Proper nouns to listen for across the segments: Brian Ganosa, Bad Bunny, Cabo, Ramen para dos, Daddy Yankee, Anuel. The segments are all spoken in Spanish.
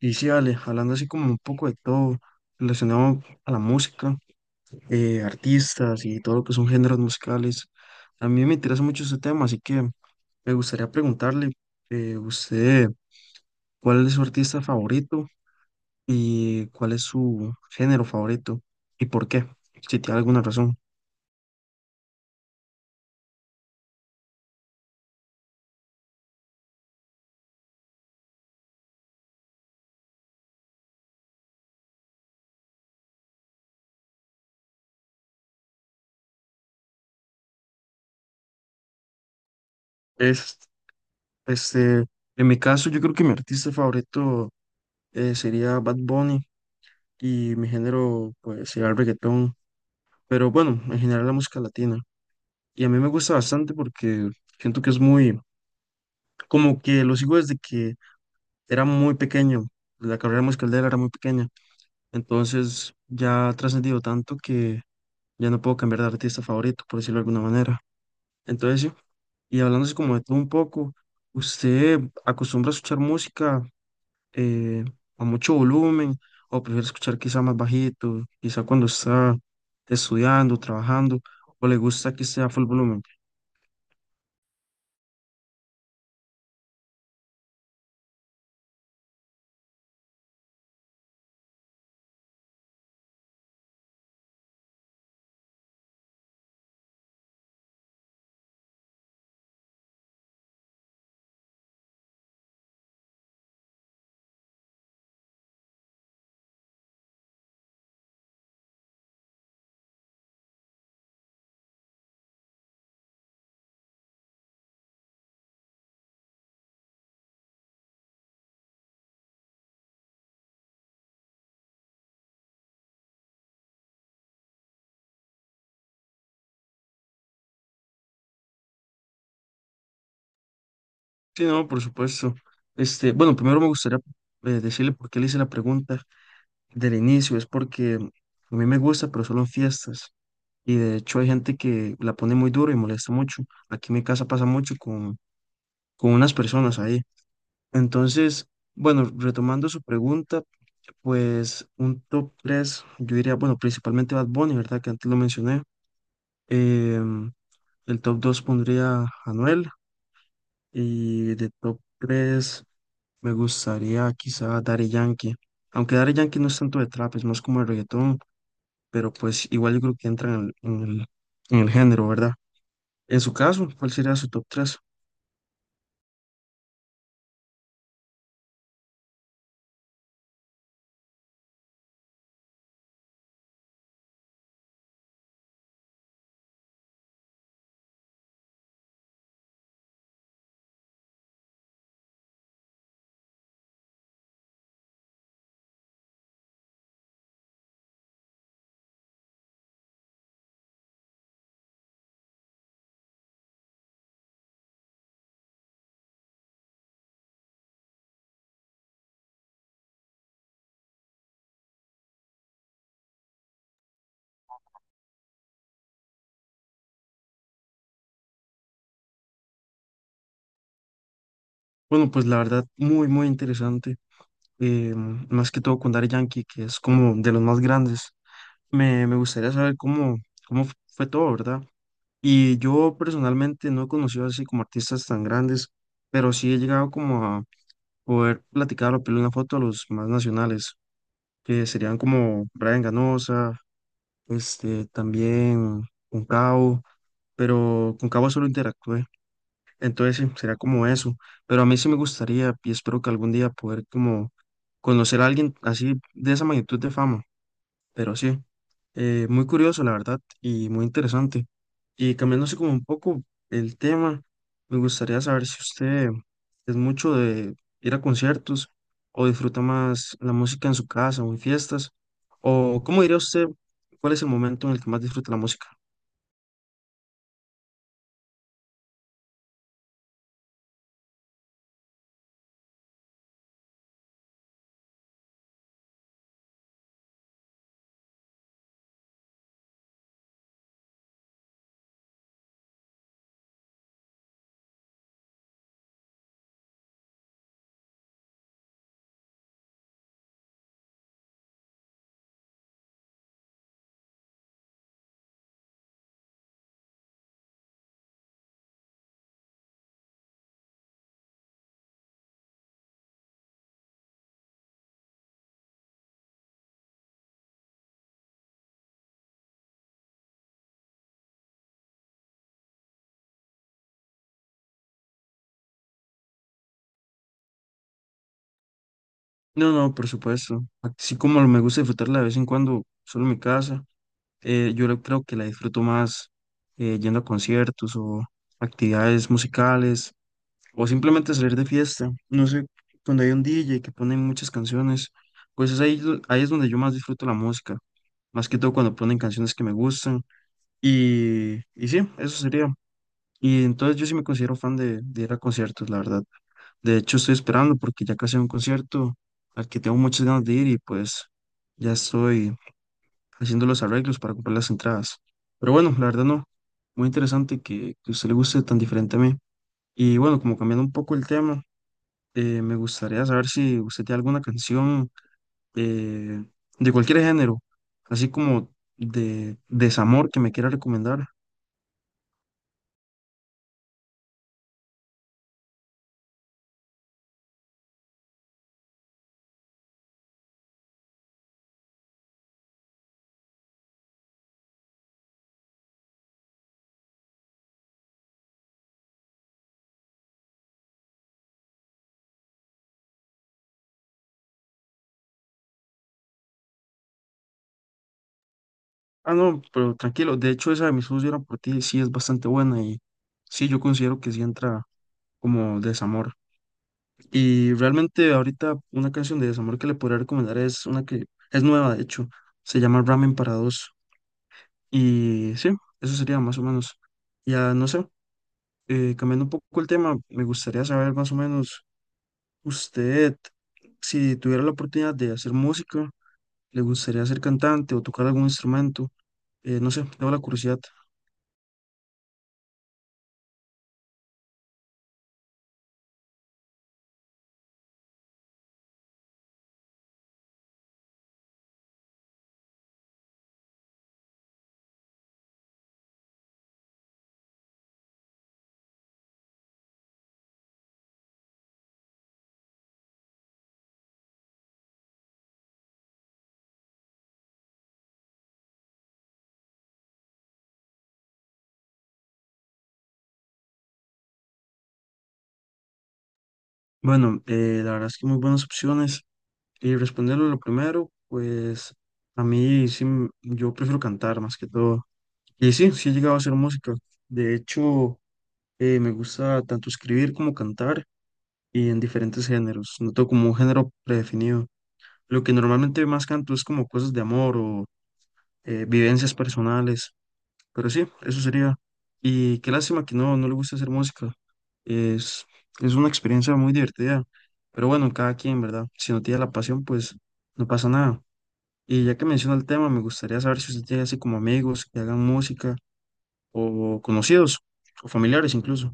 Y sí, Ale, hablando así como un poco de todo, relacionado a la música, artistas y todo lo que son géneros musicales, a mí me interesa mucho ese tema, así que me gustaría preguntarle, usted, ¿cuál es su artista favorito y cuál es su género favorito y por qué? Si tiene alguna razón. Es, este, en mi caso, yo creo que mi artista favorito sería Bad Bunny y mi género pues, sería el reggaetón, pero bueno, en general la música latina. Y a mí me gusta bastante porque siento que es muy, como que lo sigo desde que era muy pequeño, la carrera musical de él era muy pequeña, entonces ya ha trascendido tanto que ya no puedo cambiar de artista favorito, por decirlo de alguna manera. Entonces, sí, y hablándose como de todo un poco, ¿usted acostumbra a escuchar música eh, a mucho volumen o prefiere escuchar quizá más bajito, quizá cuando está estudiando, trabajando, o le gusta que sea full volumen? Sí, no, por supuesto. Este, bueno, primero me gustaría decirle por qué le hice la pregunta del inicio. Es porque a mí me gusta, pero solo en fiestas. Y de hecho hay gente que la pone muy duro y molesta mucho. Aquí en mi casa pasa mucho con unas personas ahí. Entonces, bueno, retomando su pregunta, pues un top 3 yo diría, bueno, principalmente Bad Bunny, ¿verdad? Que antes lo mencioné. Em, el top 2 pondría a Anuel y de top 3 me gustaría quizá Daddy Yankee, aunque Daddy Yankee no es tanto de trap, es más como de reggaetón, pero pues igual yo creo que entra en el género, ¿verdad? En su caso, ¿cuál sería su top tres? Bueno, pues la verdad, muy, muy interesante, más que todo con Daddy Yankee, que es como de los más grandes. Me gustaría saber cómo, fue todo, ¿verdad? Y yo personalmente no he conocido así como artistas tan grandes, pero sí he llegado como a poder platicar o pedirle una foto a los más nacionales, que serían como Brian Ganosa, este, también Cabo, pero Cabo solo interactué, entonces sí, sería como eso, pero a mí sí me gustaría y espero que algún día poder como conocer a alguien así de esa magnitud de fama. Pero sí, muy curioso, la verdad, y muy interesante. Y cambiándose como un poco el tema, me gustaría saber si usted es mucho de ir a conciertos o disfruta más la música en su casa o en fiestas, o cómo diría usted cuál es el momento en el que más disfruta la música. No, no, por supuesto. Así como me gusta disfrutarla de vez en cuando solo en mi casa, creo que la disfruto más yendo a conciertos o actividades musicales, o simplemente salir de fiesta. No sé, cuando hay un DJ que pone muchas canciones, pues es ahí, ahí es donde yo más disfruto la música. Más que todo cuando ponen canciones que me gustan. Y sí, eso sería. Y entonces yo sí me considero fan de ir a conciertos, la verdad. De hecho, estoy esperando porque ya casi hay un concierto al que tengo muchas ganas de ir y pues ya estoy haciendo los arreglos para comprar las entradas. Pero bueno, la verdad no. Muy interesante que a usted le guste tan diferente a mí. Y bueno, como cambiando un poco el tema, me gustaría saber si usted tiene alguna canción eh, de cualquier género, así como de desamor que me quiera recomendar. Ah, no, pero tranquilo. De hecho, esa de Mis ojos lloran por ti sí es bastante buena y sí, yo considero que sí entra como desamor. Y realmente ahorita una canción de desamor que le podría recomendar es una que es nueva, de hecho. Se llama Ramen para dos. Y sí, eso sería más o menos. Ya no sé, cambiando un poco el tema, me gustaría saber más o menos. Usted, si tuviera la oportunidad de hacer música, ¿le gustaría ser cantante o tocar algún instrumento? No sé, tengo la curiosidad. Bueno, la verdad es que muy buenas opciones. Y responderlo lo primero, pues a mí sí, yo prefiero cantar más que todo. Y sí, sí he llegado a hacer música. De hecho, me gusta tanto escribir como cantar y en diferentes géneros. No tengo como un género predefinido. Lo que normalmente más canto es como cosas de amor o vivencias personales. Pero sí, eso sería. Y qué lástima que no, no le gusta hacer música. Es, es una experiencia muy divertida. Pero bueno, cada quien, ¿verdad? Si no tiene la pasión, pues no pasa nada. Y ya que menciona el tema, me gustaría saber si usted tiene así como amigos que hagan música o conocidos o familiares incluso.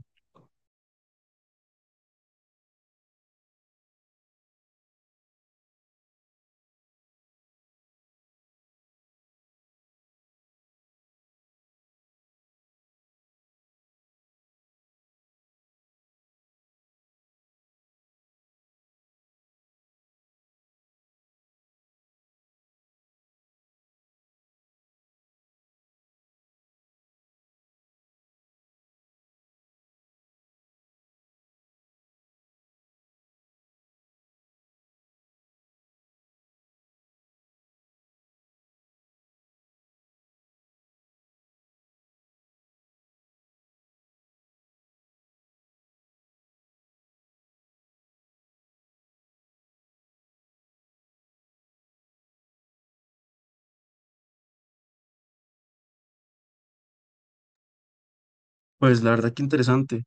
Pues la verdad que interesante.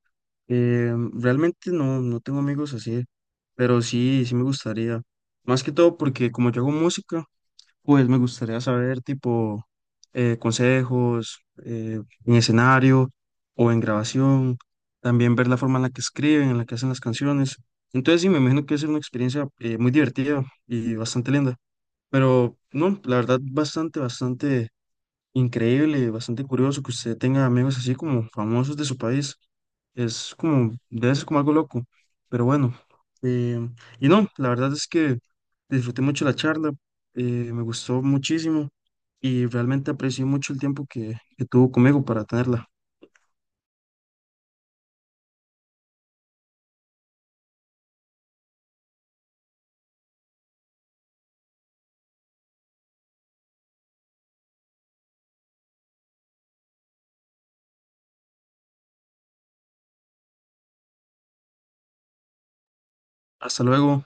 Realmente no, no tengo amigos así, pero sí, sí me gustaría. Más que todo porque como yo hago música, pues me gustaría saber, tipo, consejos en escenario o en grabación, también ver la forma en la que escriben, en la que hacen las canciones. Entonces, sí, me imagino que es una experiencia muy divertida y bastante linda. Pero, no, la verdad, bastante, bastante increíble, bastante curioso que usted tenga amigos así como famosos de su país. Es como, debe ser como algo loco, pero bueno. eh, y no, la verdad es que disfruté mucho la charla, me gustó muchísimo y realmente aprecié mucho el tiempo que tuvo conmigo para tenerla. Hasta luego.